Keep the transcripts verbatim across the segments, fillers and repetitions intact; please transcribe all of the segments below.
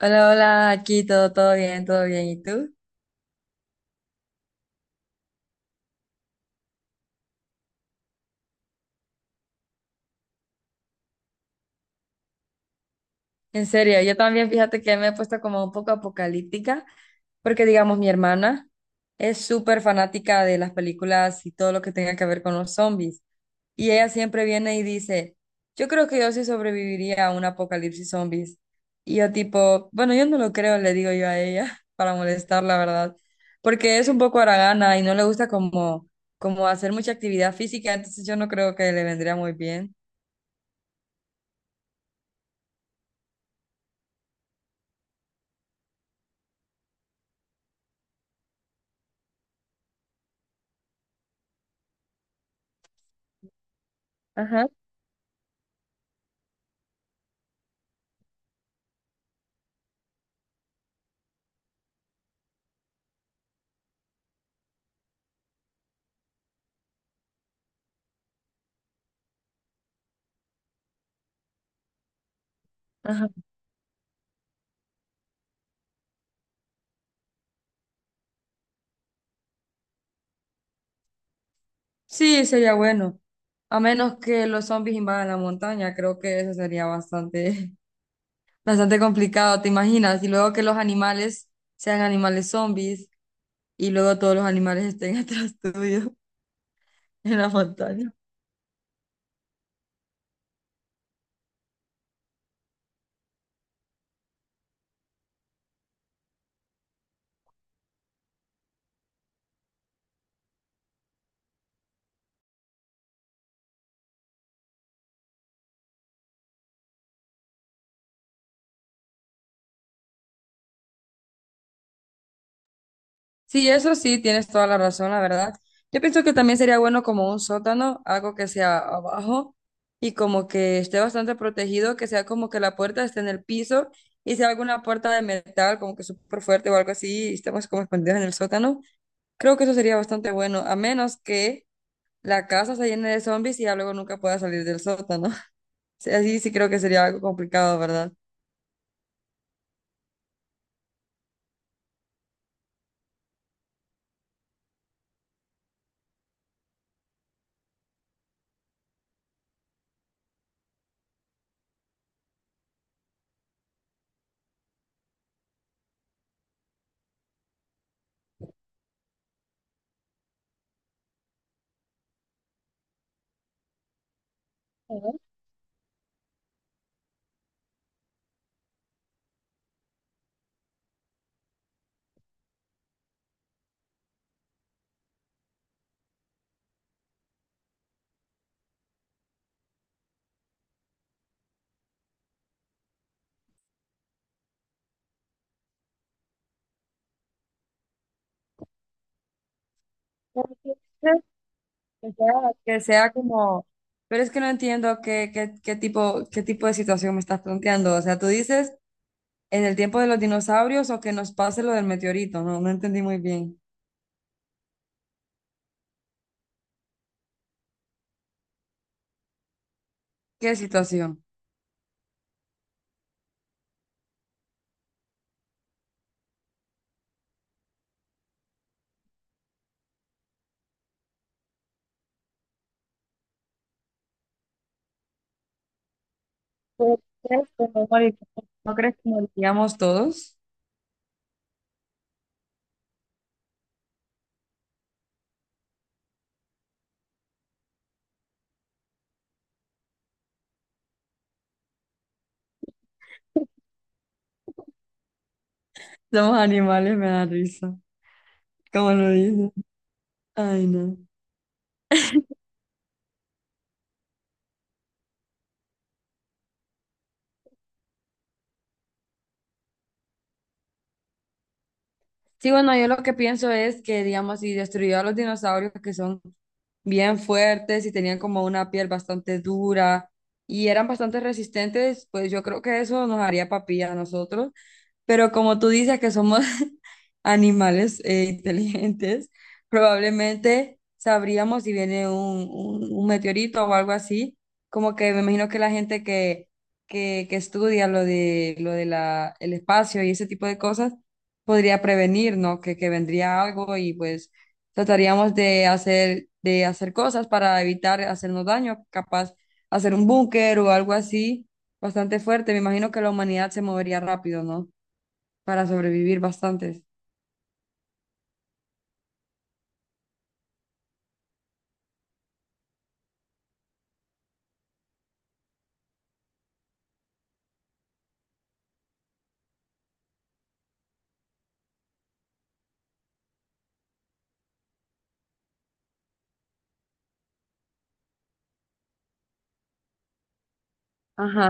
Hola, hola, aquí todo, todo bien, todo bien. ¿Y tú? En serio, yo también fíjate que me he puesto como un poco apocalíptica, porque digamos mi hermana es súper fanática de las películas y todo lo que tenga que ver con los zombies. Y ella siempre viene y dice, yo creo que yo sí sobreviviría a un apocalipsis zombies. Y yo tipo, bueno, yo no lo creo, le digo yo a ella, para molestar, la verdad, porque es un poco haragana y no le gusta como, como hacer mucha actividad física, entonces yo no creo que le vendría muy bien. Ajá. Ajá. Sí, sería bueno. A menos que los zombies invadan la montaña, creo que eso sería bastante, bastante complicado, ¿te imaginas? Y luego que los animales sean animales zombies y luego todos los animales estén atrás tuyo en la montaña. Sí, eso sí, tienes toda la razón, la verdad. Yo pienso que también sería bueno como un sótano, algo que sea abajo y como que esté bastante protegido, que sea como que la puerta esté en el piso y sea alguna puerta de metal, como que súper fuerte o algo así, y estemos como escondidos en el sótano. Creo que eso sería bastante bueno, a menos que la casa se llene de zombies y ya luego nunca pueda salir del sótano. Sí, así sí creo que sería algo complicado, ¿verdad? Porque dices que sea que sea como... Pero es que no entiendo qué, qué, qué tipo, qué tipo de situación me estás planteando. O sea, tú dices en el tiempo de los dinosaurios o que nos pase lo del meteorito. No, no entendí muy bien. ¿Qué situación? Pues, ¿crees que nos moriremos? ¿No crees que moriríamos todos? Somos animales, me da risa. ¿Cómo lo dices? Ay, no. Sí, bueno, yo lo que pienso es que, digamos, si destruyó a los dinosaurios que son bien fuertes y tenían como una piel bastante dura y eran bastante resistentes, pues yo creo que eso nos haría papilla a nosotros. Pero como tú dices que somos animales eh, inteligentes, probablemente sabríamos si viene un, un- un meteorito o algo así, como que me imagino que la gente que, que, que estudia lo de, lo de la, el espacio y ese tipo de cosas podría prevenir, ¿no? Que, que vendría algo y pues trataríamos de hacer, de hacer cosas para evitar hacernos daño, capaz hacer un búnker o algo así. Bastante fuerte, me imagino que la humanidad se movería rápido, ¿no? Para sobrevivir bastante. Ajá.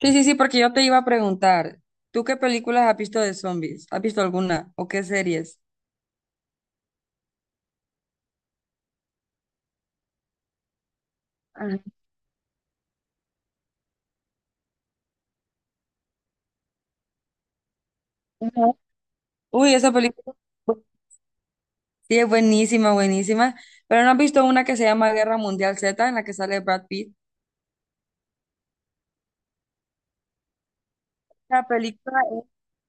Sí, sí, sí, porque yo te iba a preguntar, ¿tú qué películas has visto de zombies? ¿Has visto alguna? ¿O qué series? Ajá. Uy, esa película sí es buenísima, buenísima. Pero ¿no has visto una que se llama Guerra Mundial Z, en la que sale Brad Pitt? La película es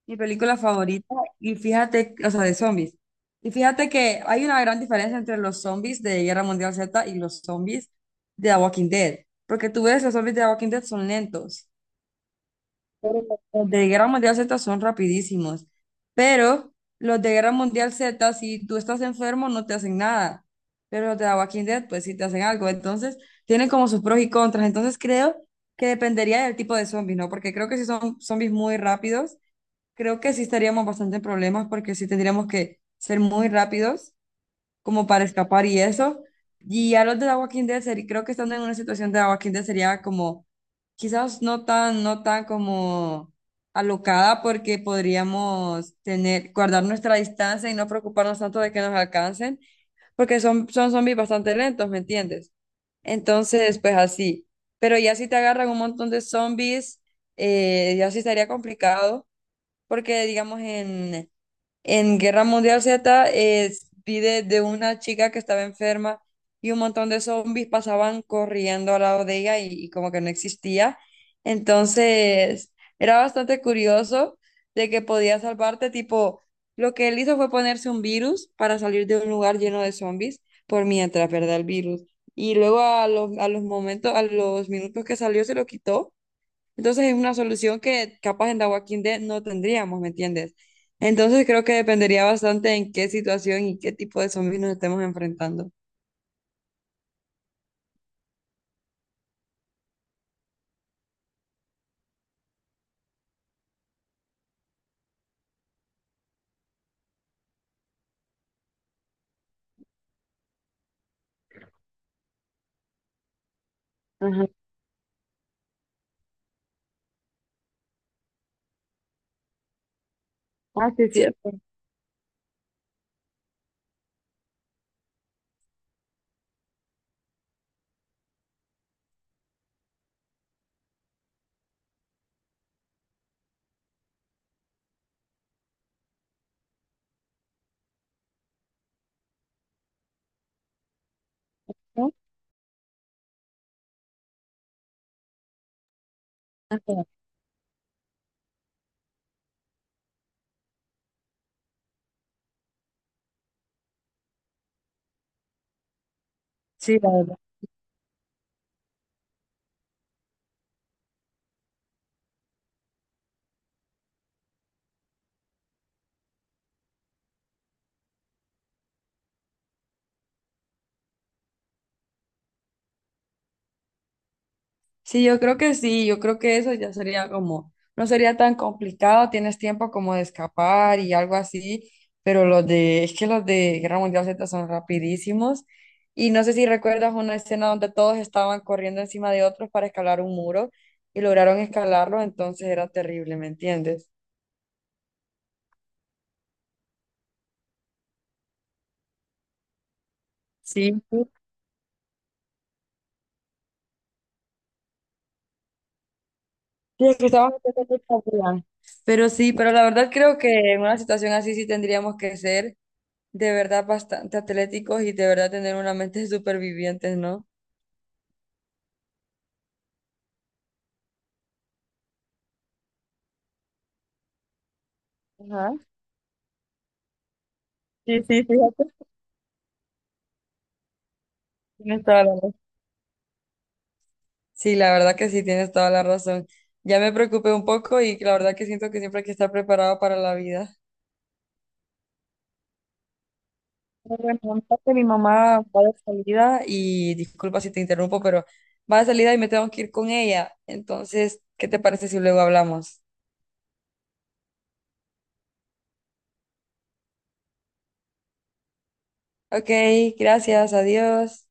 mi película favorita y fíjate, o sea, de zombies. Y fíjate que hay una gran diferencia entre los zombies de Guerra Mundial Z y los zombies de The Walking Dead. Porque tú ves, los zombies de The Walking Dead son lentos. Pero los de Guerra Mundial Z son rapidísimos, pero los de Guerra Mundial Z, si tú estás enfermo, no te hacen nada, pero los de The Walking Dead, pues sí te hacen algo, entonces tienen como sus pros y contras, entonces creo que dependería del tipo de zombies, ¿no? Porque creo que si son zombies muy rápidos, creo que sí estaríamos bastante en problemas porque sí tendríamos que ser muy rápidos como para escapar y eso. Y a los de The Walking Dead, seri- creo que estando en una situación de The Walking Dead sería como, quizás no tan, no tan como alocada porque podríamos tener, guardar nuestra distancia y no preocuparnos tanto de que nos alcancen, porque son, son zombies bastante lentos, ¿me entiendes? Entonces, pues así. Pero ya si te agarran un montón de zombies, eh, ya sí estaría complicado, porque digamos en... En Guerra Mundial Z eh, vi de, de una chica que estaba enferma y un montón de zombies pasaban corriendo al lado de ella y, y como que no existía. Entonces era bastante curioso de que podía salvarte. Tipo, lo que él hizo fue ponerse un virus para salir de un lugar lleno de zombies por mientras, ¿verdad? El virus. Y luego a los, a los momentos, a los minutos que salió, se lo quitó, entonces es una solución que capaz en The Walking Dead no tendríamos, ¿me entiendes? Entonces creo que dependería bastante en qué situación y qué tipo de zombies nos estemos enfrentando. Ajá. Ah, sí, es cierto. Sí, la verdad. Sí, yo creo que sí, yo creo que eso ya sería como, no sería tan complicado, tienes tiempo como de escapar y algo así, pero los de, es que los de Guerra Mundial Z son rapidísimos y no sé si recuerdas una escena donde todos estaban corriendo encima de otros para escalar un muro y lograron escalarlo, entonces era terrible, ¿me entiendes? Sí. Sí, es que estaban haciendo mucha fila. Pero sí, pero la verdad creo que en una situación así sí tendríamos que ser, de verdad, bastante atléticos y de verdad tener una mente de supervivientes, ¿no? Ajá. Sí, sí, fíjate, tienes toda la razón. Sí, la verdad que sí, tienes toda la razón. Ya me preocupé un poco y la verdad que siento que siempre hay que estar preparado para la vida. Pero bueno, ahorita mi mamá va de salida. salida y disculpa si te interrumpo, pero va de salida y me tengo que ir con ella. Entonces, ¿qué te parece si luego hablamos? Ok, gracias, adiós.